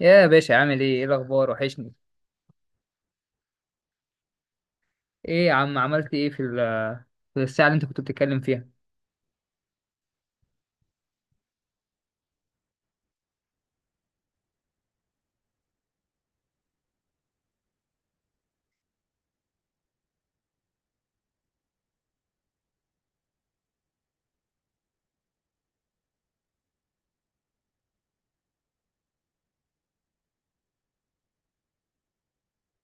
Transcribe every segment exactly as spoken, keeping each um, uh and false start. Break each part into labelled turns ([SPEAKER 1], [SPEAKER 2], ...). [SPEAKER 1] يا باشا، عامل ايه ايه الاخبار؟ وحشني. ايه يا عم، عملت ايه في ال- في الساعه اللي انت كنت بتتكلم فيها؟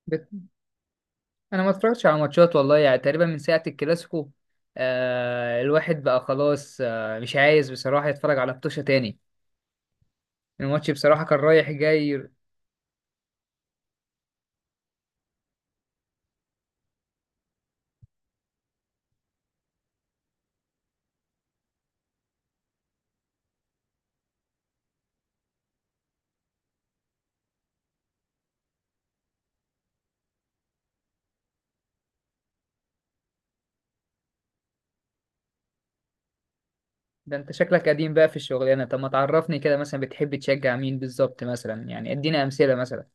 [SPEAKER 1] بت- انا ما اتفرجتش على ماتشات والله، يعني تقريبا من ساعه الكلاسيكو. آه الواحد بقى خلاص، آه مش عايز بصراحه يتفرج على ماتش تاني. الماتش بصراحه كان رايح جاي. ده انت شكلك قديم بقى في الشغلانه. طب ما تعرفني كده، مثلا بتحب تشجع مين بالظبط؟ مثلا يعني ادينا امثله مثلا.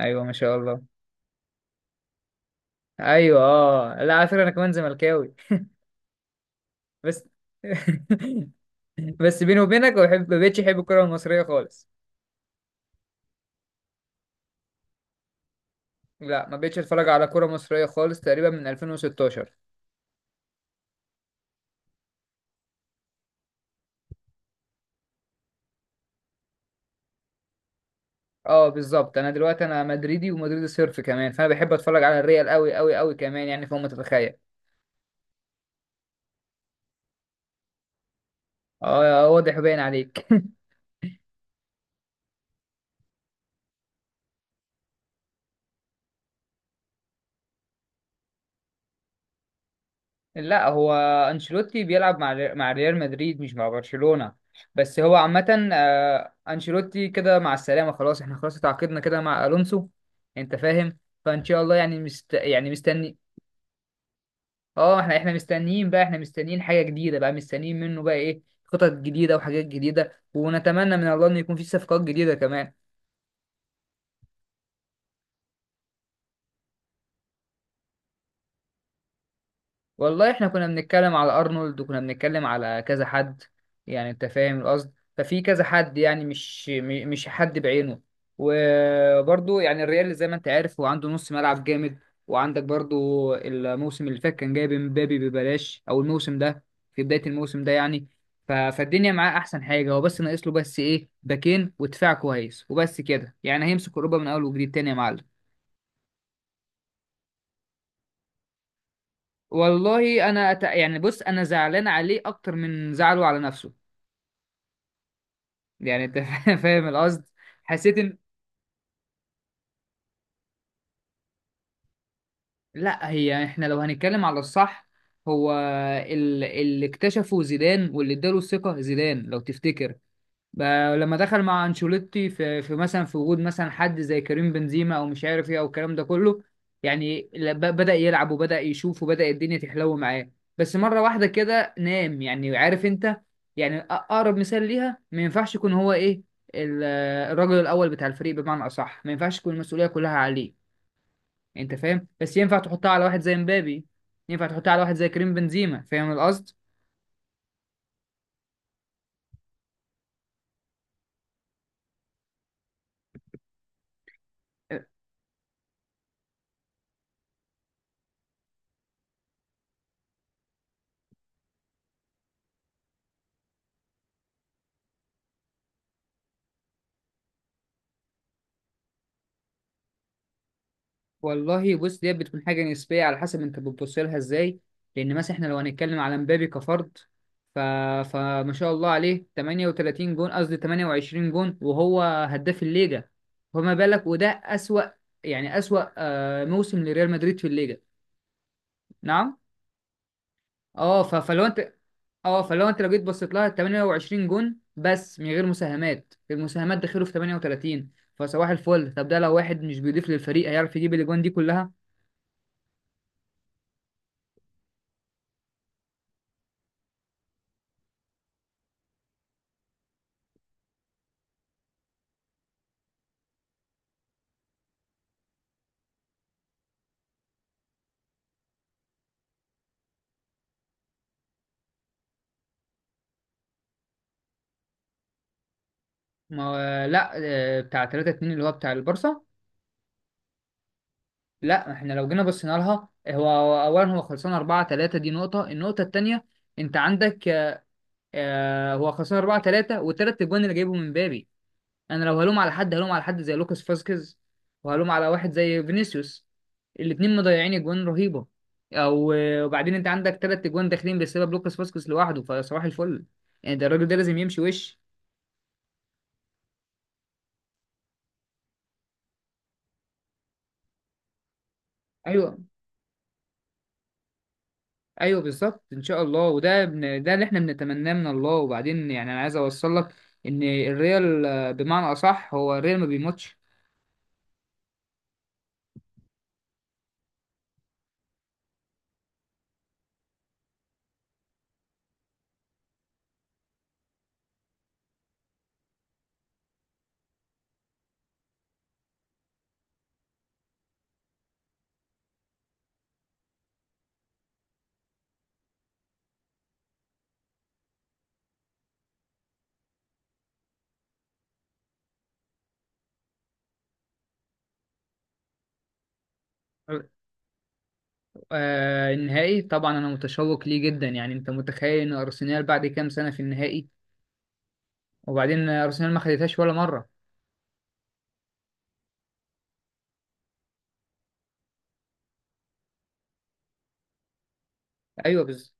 [SPEAKER 1] ايوه ما شاء الله. ايوه اه، لا على فكره انا كمان زملكاوي بس. بس بيني وبينك، ما بحب- ما بقتش احب الكرة المصرية خالص. لا، ما بقتش اتفرج على كرة مصرية خالص تقريبا من الفين وستاشر. اه بالظبط، انا دلوقتي انا مدريدي، ومدريدي صرف كمان، فانا بحب اتفرج على الريال قوي قوي قوي كمان، يعني فوق ما تتخيل. اه واضح باين عليك. لا هو انشيلوتي بيلعب مع ري- مع ريال مدريد، مش مع برشلونة. بس هو عامة آه، انشيلوتي كده مع السلامة، خلاص احنا خلاص اتعاقدنا كده مع الونسو. انت فاهم، فان شاء الله يعني مست... يعني مستني. اه، احنا احنا مستنيين بقى، احنا مستنيين حاجة جديدة بقى، مستنيين منه بقى ايه؟ خطط جديدة وحاجات جديدة، ونتمنى من الله ان يكون في صفقات جديدة كمان. والله احنا كنا بنتكلم على ارنولد، وكنا بنتكلم على كذا حد. يعني انت فاهم القصد، ففي كذا حد يعني مش م- مش حد بعينه. وبرضه يعني الريال زي ما انت عارف هو عنده نص ملعب جامد، وعندك برضه الموسم اللي فات كان جايب امبابي ببلاش، او الموسم ده في بداية الموسم ده يعني. ف- فالدنيا معاه احسن حاجة، هو بس ناقص له بس ايه؟ باكين ودفاع كويس، وبس كده يعني هيمسك اوروبا من اول وجديد تاني يا معلم. والله انا أت... يعني بص انا زعلان عليه اكتر من زعله على نفسه. يعني انت فاهم القصد. حسيت ان، لا هي احنا لو هنتكلم على الصح، هو ال- اللي اكتشفه زيدان واللي اداله الثقة زيدان لو تفتكر، بقى لما دخل مع انشيلوتي في في مثلا في وجود مثلا حد زي كريم بنزيما، او مش عارف ايه او الكلام ده كله، يعني ل- ب- بدأ يلعب وبدأ يشوف، وبدأ الدنيا تحلو معاه. بس مرة واحدة كده نام، يعني عارف انت، يعني أ- اقرب مثال ليها ما ينفعش يكون هو ايه ال- الراجل الاول بتاع الفريق، بمعنى اصح ما ينفعش تكون المسؤولية كلها عليه. انت فاهم، بس ينفع تحطها على واحد زي مبابي، ينفع تحطها على واحد زي كريم بنزيما، فاهم القصد. والله بص، دي بتكون حاجة نسبية على حسب انت بتبص لها ازاي. لان مثلا احنا لو هنتكلم على مبابي كفرد، ف... فما شاء الله عليه ثمانية وثلاثين جون، قصدي ثمانية وعشرين جون، وهو هداف الليجا. فما بالك؟ وده أسوأ يعني أسوأ آه، موسم لريال مدريد في الليجا. نعم. اه ف... فلو انت، اه فلو انت لو جيت بصيت لها تمنية وعشرين جون بس من غير مساهمات، المساهمات دخلوا في تمنية وتلاتين، فصباح الفل. طب ده لو واحد مش بيضيف للفريق، هيعرف يجيب الاجوان دي كلها؟ ما هو لا آه، بتاع تلاتة اتنين اللي هو بتاع البارسا. لا احنا لو جينا بصينا لها، هو هو اولا هو خلصان اربعة تلاتة، دي نقطة. النقطة التانية انت عندك آه، هو خلصان 4 3، والتلات اجوان اللي جايبهم من بابي. انا لو هلوم على حد، هلوم على حد زي لوكاس فاسكيز، وهلوم على واحد زي فينيسيوس. الاتنين مضيعين اجوان رهيبة. او آه، وبعدين انت عندك تلات اجوان داخلين بسبب لوكاس فاسكيز لوحده، فصباح الفل. يعني ده الراجل ده لازم يمشي وش. ايوه، ايوه بالظبط ان شاء الله، وده بن- ده اللي احنا بنتمناه من الله. وبعدين يعني انا عايز اوصل لك ان الريال آه، بمعنى اصح هو الريال ما بيموتش. آه النهائي طبعا انا متشوق ليه جدا، يعني انت متخيل ان ارسنال بعد كام سنه في النهائي، وبعدين ارسنال ما خدتهاش ولا مره. ايوه بالظبط،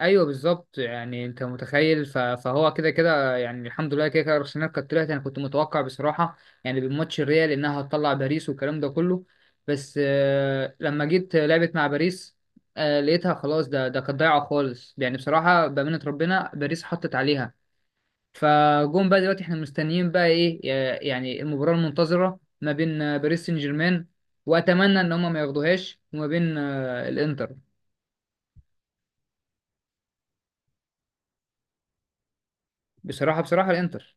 [SPEAKER 1] ايوه بالظبط يعني انت متخيل، ف- فهو كده كده يعني الحمد لله كده كده ارسنال كانت طلعت. انا كنت متوقع بصراحه يعني بماتش الريال انها هتطلع باريس والكلام ده كله. بس آه، لما جيت لعبت مع باريس، آه، لقيتها خلاص. ده ده كانت ضايعه خالص، يعني بصراحه بامانه ربنا باريس حطت عليها. فجون بقى دلوقتي احنا مستنيين بقى ايه؟ آه، يعني المباراه المنتظره ما بين آه، باريس سان جيرمان، واتمنى ان هم ما ياخدوهاش، وما بين آه، الانتر. بصراحه بصراحه الانتر.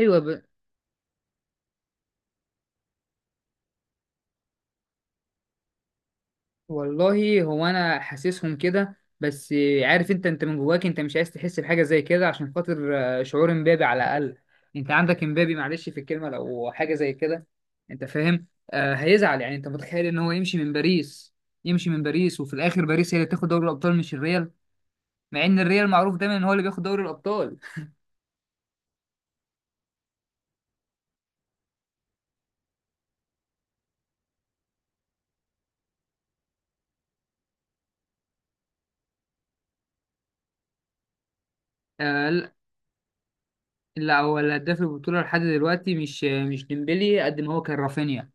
[SPEAKER 1] ايوه. والله هو انا حاسسهم كده، بس عارف انت، انت من جواك انت مش عايز تحس بحاجه زي كده عشان خاطر آه، شعور امبابي على الاقل. انت عندك امبابي معلش في الكلمه لو حاجه زي كده. انت فاهم. آه هيزعل، يعني انت متخيل ان هو يمشي من باريس؟ يمشي من باريس وفي الاخر باريس هي اللي تاخد دوري الابطال، مش الريال، مع ان الريال معروف دايما ان هو اللي بياخد دوري الابطال. آه لا، لا، هو الهداف البطوله لحد دلوقتي مش مش ديمبلي قد ما هو كان رافينيا.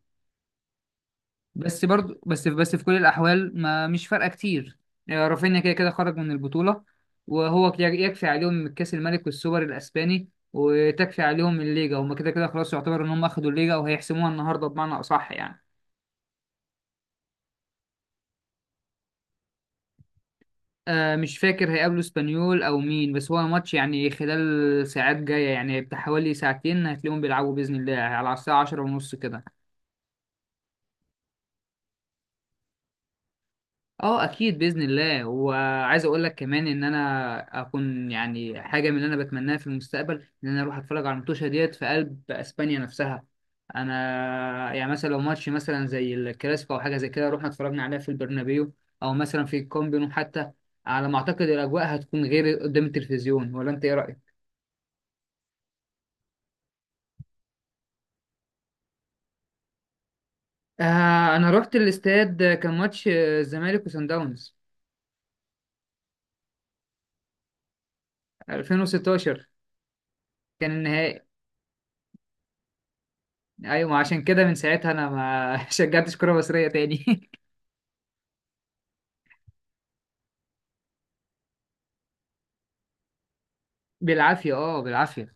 [SPEAKER 1] بس برضو بس بس في كل الأحوال ما مش فارقة كتير. آه، رافينيا كده كده خرج من البطولة. وهو يك- يكفي عليهم كأس الملك والسوبر الأسباني، وتكفي عليهم الليجا. هما كده كده خلاص يعتبر إن هم أخدوا الليجا، وهيحسموها النهاردة بمعنى أصح يعني. آه مش فاكر هيقابلوا اسبانيول أو مين، بس هو ماتش يعني خلال ساعات جاية، يعني بتاع حوالي ساعتين هتلاقيهم بيلعبوا بإذن الله، على الساعة عشرة ونص كده. اه اكيد باذن الله. وعايز اقول لك كمان ان انا اكون يعني حاجه من اللي انا بتمناها في المستقبل، ان انا اروح اتفرج على الماتشة ديت في قلب اسبانيا نفسها. انا يعني مثلا لو ماتش مثلا زي الكلاسيكو او حاجه زي كده، رحنا اتفرجنا عليها في البرنابيو، او مثلا في الكامبينو حتى، على ما اعتقد الاجواء هتكون غير قدام التلفزيون. ولا انت ايه رايك؟ آه انا رحت الاستاد كان ماتش الزمالك وسان داونز الفين وستاشر. كان النهائي. ايوه، ما عشان كده من ساعتها انا ما شجعتش كرة مصرية تاني. بالعافية اه بالعافية.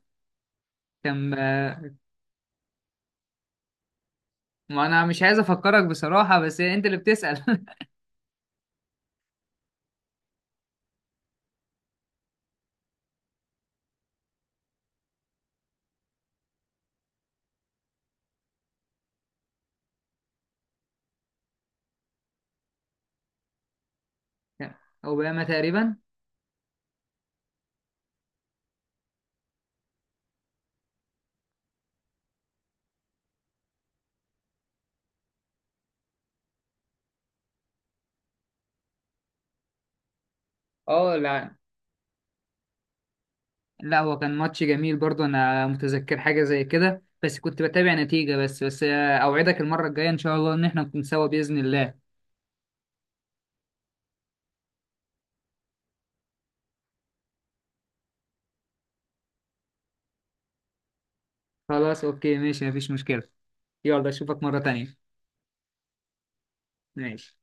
[SPEAKER 1] كان آه، ما انا مش عايز افكرك بصراحة، بس انت اللي بتسأل. اوباما تقريبا. اه لا، لا هو كان ماتش جميل برضه، انا متذكر حاجة زي كده، بس كنت بتابع نتيجة بس. بس آه، اوعدك المرة الجاية ان شاء الله ان احنا نكون سوا بإذن الله. خلاص اوكي ماشي، مفيش مشكلة. يلا اشوفك مرة تانية. ماشي.